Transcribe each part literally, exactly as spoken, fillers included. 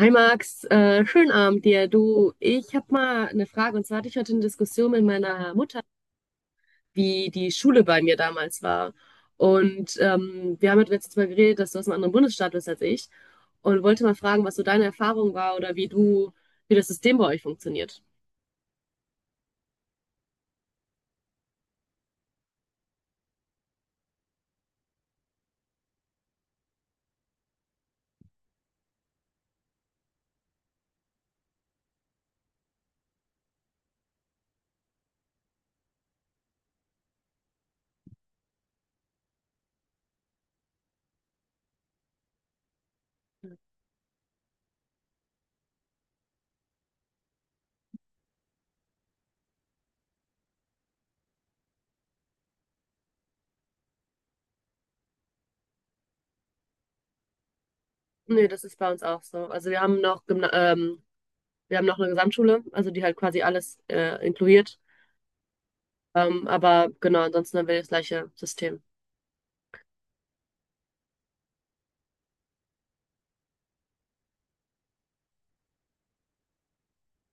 Hi Max, äh, schönen Abend dir. Du, ich habe mal eine Frage. Und zwar hatte ich heute eine Diskussion mit meiner Mutter, wie die Schule bei mir damals war. Und ähm, wir haben halt jetzt mal geredet, dass du aus einem anderen Bundesstaat bist als ich. Und wollte mal fragen, was so deine Erfahrung war, oder wie du, wie das System bei euch funktioniert. Nee, das ist bei uns auch so. Also wir haben noch Gymna ähm, wir haben noch eine Gesamtschule, also die halt quasi alles äh, inkludiert. Ähm, aber genau, ansonsten haben wir das gleiche System.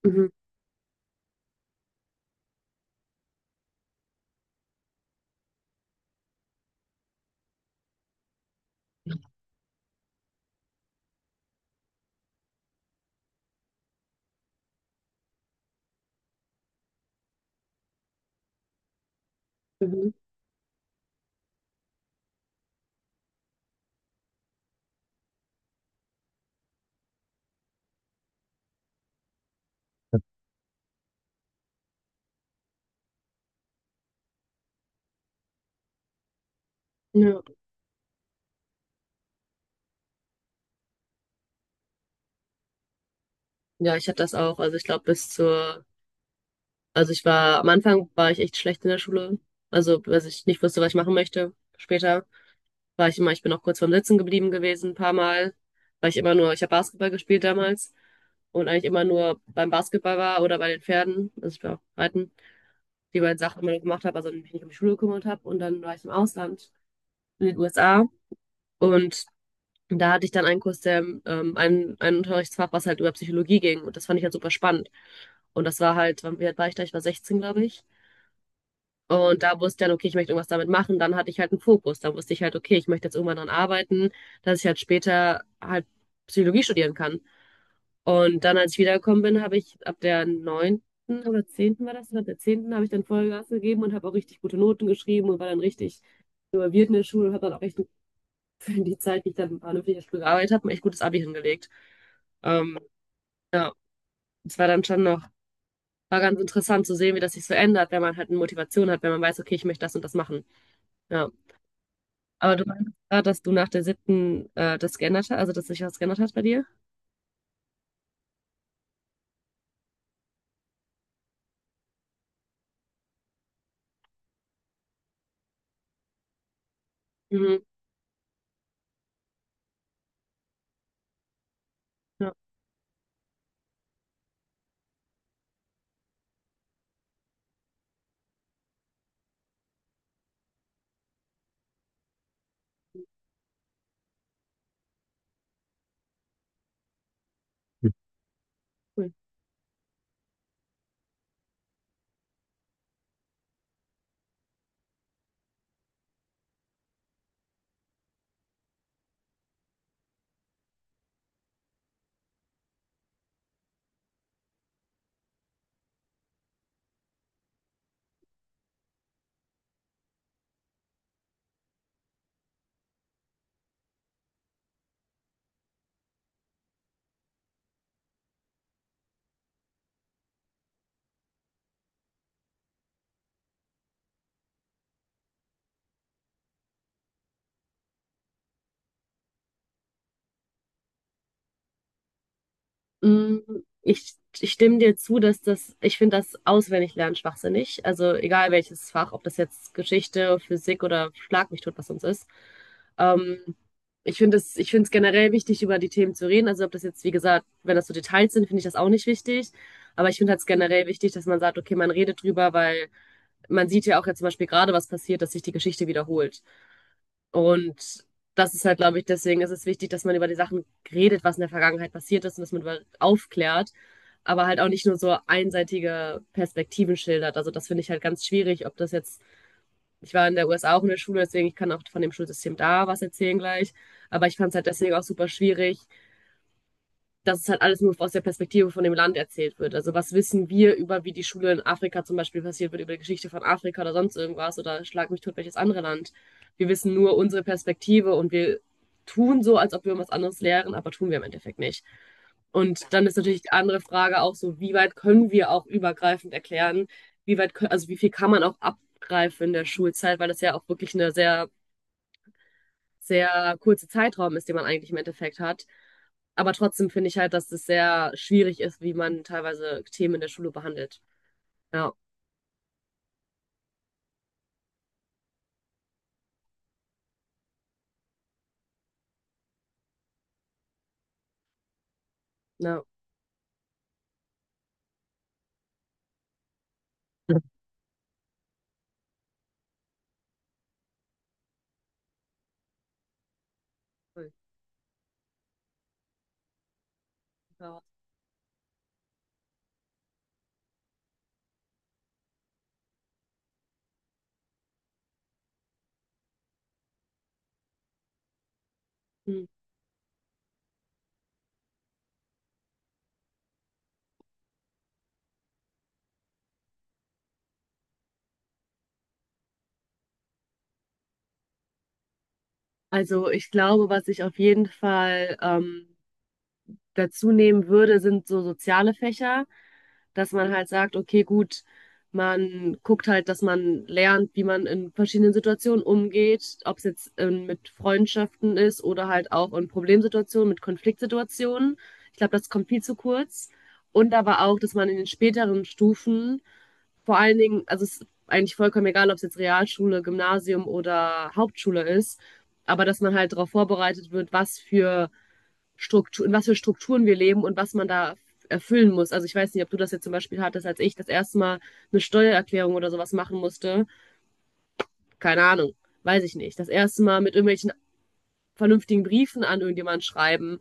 Mhm. Mhm. Ja. Ja, ich hatte das auch. Also ich glaube bis zur, Also ich war, am Anfang war ich echt schlecht in der Schule. Also, als ich nicht wusste, was ich machen möchte. Später war ich immer, ich bin auch kurz vorm Sitzen geblieben gewesen, ein paar Mal, weil ich immer nur, ich habe Basketball gespielt damals und eigentlich immer nur beim Basketball war oder bei den Pferden. Also ich war auch reiten, die beiden Sachen immer nur gemacht habe, also mich nicht um die Schule gekümmert habe. Und dann war ich im Ausland, in den U S A. Und Und da hatte ich dann einen Kurs, der ähm, ein, ein Unterrichtsfach, was halt über Psychologie ging. Und das fand ich halt super spannend. Und das war halt, wann- wie alt war ich da? Ich war sechzehn, glaube ich. Und da wusste ich dann, okay, ich möchte irgendwas damit machen. Dann hatte ich halt einen Fokus. Da wusste ich halt, okay, ich möchte jetzt irgendwann dran arbeiten, dass ich halt später halt Psychologie studieren kann. Und dann, als ich wiedergekommen bin, habe ich ab der neunten oder zehnten war das, ab der zehnten habe ich dann Vollgas gegeben und habe auch richtig gute Noten geschrieben und war dann richtig involviert in der Schule und habe dann auch echt für die Zeit, die ich dann an einem Ferienstuhl gearbeitet habe, ein echt gutes Abi hingelegt. Ähm, ja, es war dann schon noch, war ganz interessant zu sehen, wie das sich so ändert, wenn man halt eine Motivation hat, wenn man weiß, okay, ich möchte das und das machen. Ja. Aber du meinst gerade, dass du nach der siebten äh, das geändert hast, also dass sich das geändert hat bei dir? Mhm. Ja, cool. Mm, Ich, ich stimme dir zu, dass das, ich finde das Auswendiglernen schwachsinnig. Also egal welches Fach, ob das jetzt Geschichte, Physik oder schlag mich tot, was sonst ist. Ähm, ich finde es, ich finde es generell wichtig, über die Themen zu reden. Also ob das jetzt, wie gesagt, wenn das so Details sind, finde ich das auch nicht wichtig. Aber ich finde halt generell wichtig, dass man sagt, okay, man redet drüber, weil man sieht ja auch jetzt zum Beispiel gerade, was passiert, dass sich die Geschichte wiederholt. Und das ist halt, glaube ich, deswegen ist es wichtig, dass man über die Sachen redet, was in der Vergangenheit passiert ist und dass man über aufklärt, aber halt auch nicht nur so einseitige Perspektiven schildert. Also das finde ich halt ganz schwierig, ob das jetzt, ich war in der U S A auch in der Schule, deswegen ich kann auch von dem Schulsystem da was erzählen gleich, aber ich fand es halt deswegen auch super schwierig, dass es halt alles nur aus der Perspektive von dem Land erzählt wird. Also was wissen wir über, wie die Schule in Afrika zum Beispiel passiert wird, über die Geschichte von Afrika oder sonst irgendwas oder schlag mich tot, welches andere Land. Wir wissen nur unsere Perspektive und wir tun so, als ob wir was anderes lehren, aber tun wir im Endeffekt nicht. Und dann ist natürlich die andere Frage auch so, wie weit können wir auch übergreifend erklären, wie weit, also wie viel kann man auch abgreifen in der Schulzeit, weil das ja auch wirklich eine sehr sehr kurze Zeitraum ist, den man eigentlich im Endeffekt hat. Aber trotzdem finde ich halt, dass es sehr schwierig ist, wie man teilweise Themen in der Schule behandelt. Ja, ja. Voll. Ja. Hm. Also ich glaube, was ich auf jeden Fall ähm, dazu nehmen würde, sind so soziale Fächer. Dass man halt sagt, okay, gut, man guckt halt, dass man lernt, wie man in verschiedenen Situationen umgeht, ob es jetzt ähm, mit Freundschaften ist oder halt auch in Problemsituationen, mit Konfliktsituationen. Ich glaube, das kommt viel zu kurz. Und aber auch, dass man in den späteren Stufen vor allen Dingen, also es ist eigentlich vollkommen egal, ob es jetzt Realschule, Gymnasium oder Hauptschule ist, aber dass man halt darauf vorbereitet wird, was für Struktur, in was für Strukturen wir leben und was man da erfüllen muss. Also ich weiß nicht, ob du das jetzt zum Beispiel hattest, als ich das erste Mal eine Steuererklärung oder sowas machen musste. Keine Ahnung, weiß ich nicht. Das erste Mal mit irgendwelchen vernünftigen Briefen an irgendjemanden schreiben,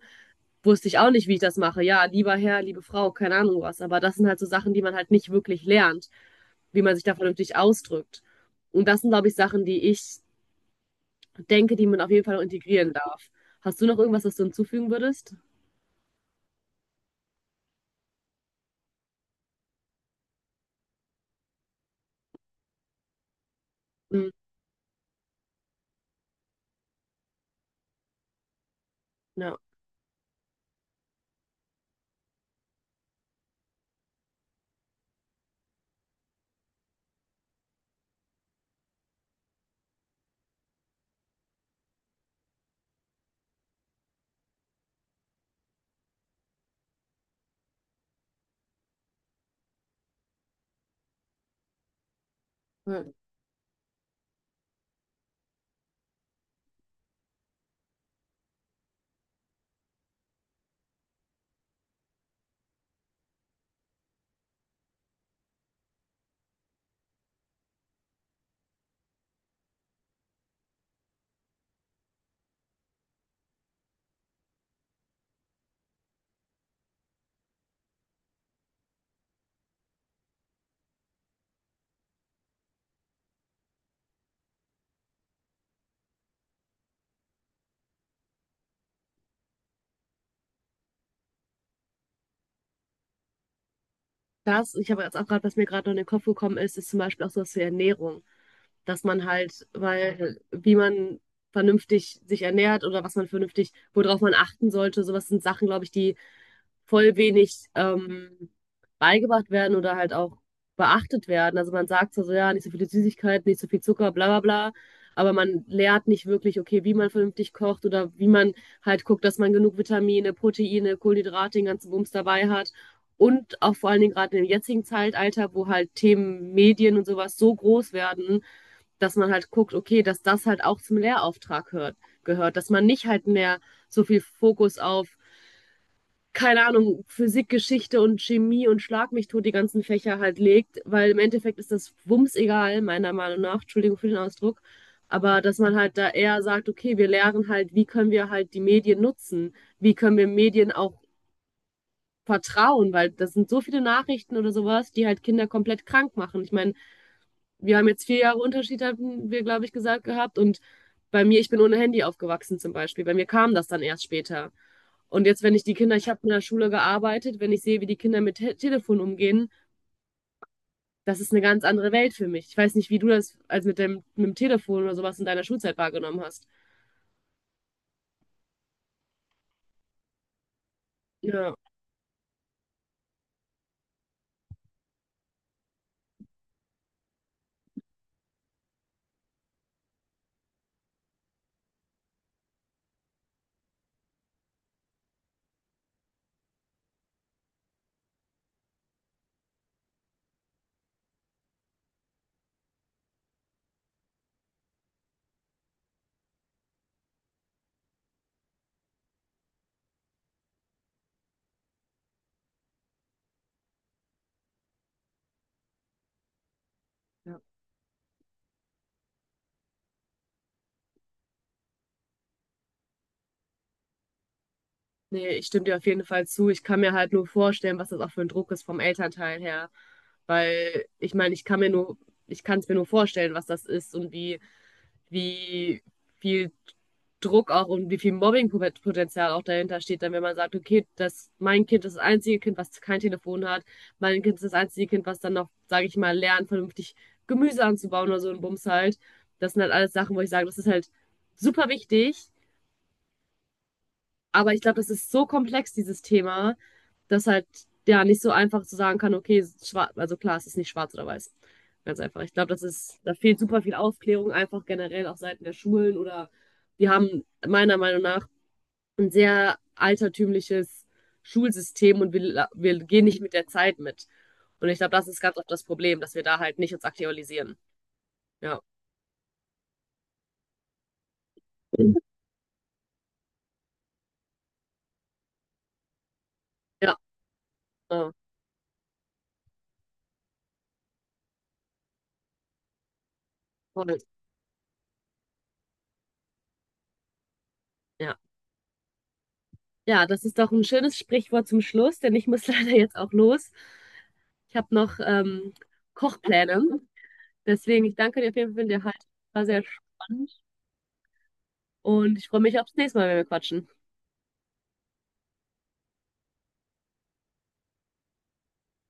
wusste ich auch nicht, wie ich das mache. Ja, lieber Herr, liebe Frau, keine Ahnung was. Aber das sind halt so Sachen, die man halt nicht wirklich lernt, wie man sich da vernünftig ausdrückt. Und das sind, glaube ich, Sachen, die ich denke, die man auf jeden Fall noch integrieren darf. Hast du noch irgendwas, was du hinzufügen würdest? Hm, ja. Ja. Das, ich habe jetzt auch gerade, was mir gerade noch in den Kopf gekommen ist, ist zum Beispiel auch sowas wie Ernährung. Dass man halt, weil, wie man vernünftig sich ernährt oder was man vernünftig, worauf man achten sollte, sowas sind Sachen, glaube ich, die voll wenig ähm, beigebracht werden oder halt auch beachtet werden. Also man sagt zwar so, ja, nicht so viele Süßigkeiten, nicht so viel Zucker, bla bla bla, aber man lehrt nicht wirklich, okay, wie man vernünftig kocht oder wie man halt guckt, dass man genug Vitamine, Proteine, Kohlenhydrate, den ganzen Bums dabei hat. Und auch vor allen Dingen gerade im jetzigen Zeitalter, wo halt Themen Medien und sowas so groß werden, dass man halt guckt, okay, dass das halt auch zum Lehrauftrag hört, gehört, dass man nicht halt mehr so viel Fokus auf keine Ahnung, Physik, Geschichte und Chemie und schlag mich tot die ganzen Fächer halt legt, weil im Endeffekt ist das Wumms egal, meiner Meinung nach, Entschuldigung für den Ausdruck, aber dass man halt da eher sagt, okay, wir lernen halt, wie können wir halt die Medien nutzen, wie können wir Medien auch vertrauen, weil das sind so viele Nachrichten oder sowas, die halt Kinder komplett krank machen. Ich meine, wir haben jetzt vier Jahre Unterschied, hatten wir, glaube ich, gesagt gehabt. Und bei mir, ich bin ohne Handy aufgewachsen zum Beispiel. Bei mir kam das dann erst später. Und jetzt, wenn ich die Kinder, ich habe in der Schule gearbeitet, wenn ich sehe, wie die Kinder mit Te Telefon umgehen, das ist eine ganz andere Welt für mich. Ich weiß nicht, wie du das als mit dem, mit dem Telefon oder sowas in deiner Schulzeit wahrgenommen hast. Ja. Ja. Nee, ich stimme dir auf jeden Fall zu. Ich kann mir halt nur vorstellen, was das auch für ein Druck ist vom Elternteil her. Weil ich meine, ich kann mir nur, ich kann es mir nur vorstellen, was das ist und wie wie viel Druck auch und wie viel Mobbingpotenzial auch dahinter steht, dann wenn man sagt, okay, das, mein Kind ist das einzige Kind, was kein Telefon hat, mein Kind ist das einzige Kind, was dann noch, sage ich mal, lernt, vernünftig Gemüse anzubauen oder so ein Bums halt. Das sind halt alles Sachen, wo ich sage, das ist halt super wichtig, aber ich glaube, das ist so komplex, dieses Thema, dass halt ja nicht so einfach zu sagen kann, okay, schwarz, also klar, es ist nicht schwarz oder weiß. Ganz einfach. Ich glaube, das ist, da fehlt super viel Aufklärung, einfach generell auf Seiten der Schulen, oder wir haben meiner Meinung nach ein sehr altertümliches Schulsystem und wir, la- wir gehen nicht mit der Zeit mit. Und ich glaube, das ist ganz oft das Problem, dass wir da halt nicht uns aktualisieren. Ja. Ja, äh, voll. Ja. Ja, das ist doch ein schönes Sprichwort zum Schluss, denn ich muss leider jetzt auch los. Ich habe noch ähm, Kochpläne. Deswegen, ich danke dir auf jeden Fall für den Halt. War sehr spannend und ich freue mich aufs nächste Mal, wenn wir quatschen.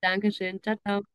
Dankeschön. Ciao, ciao.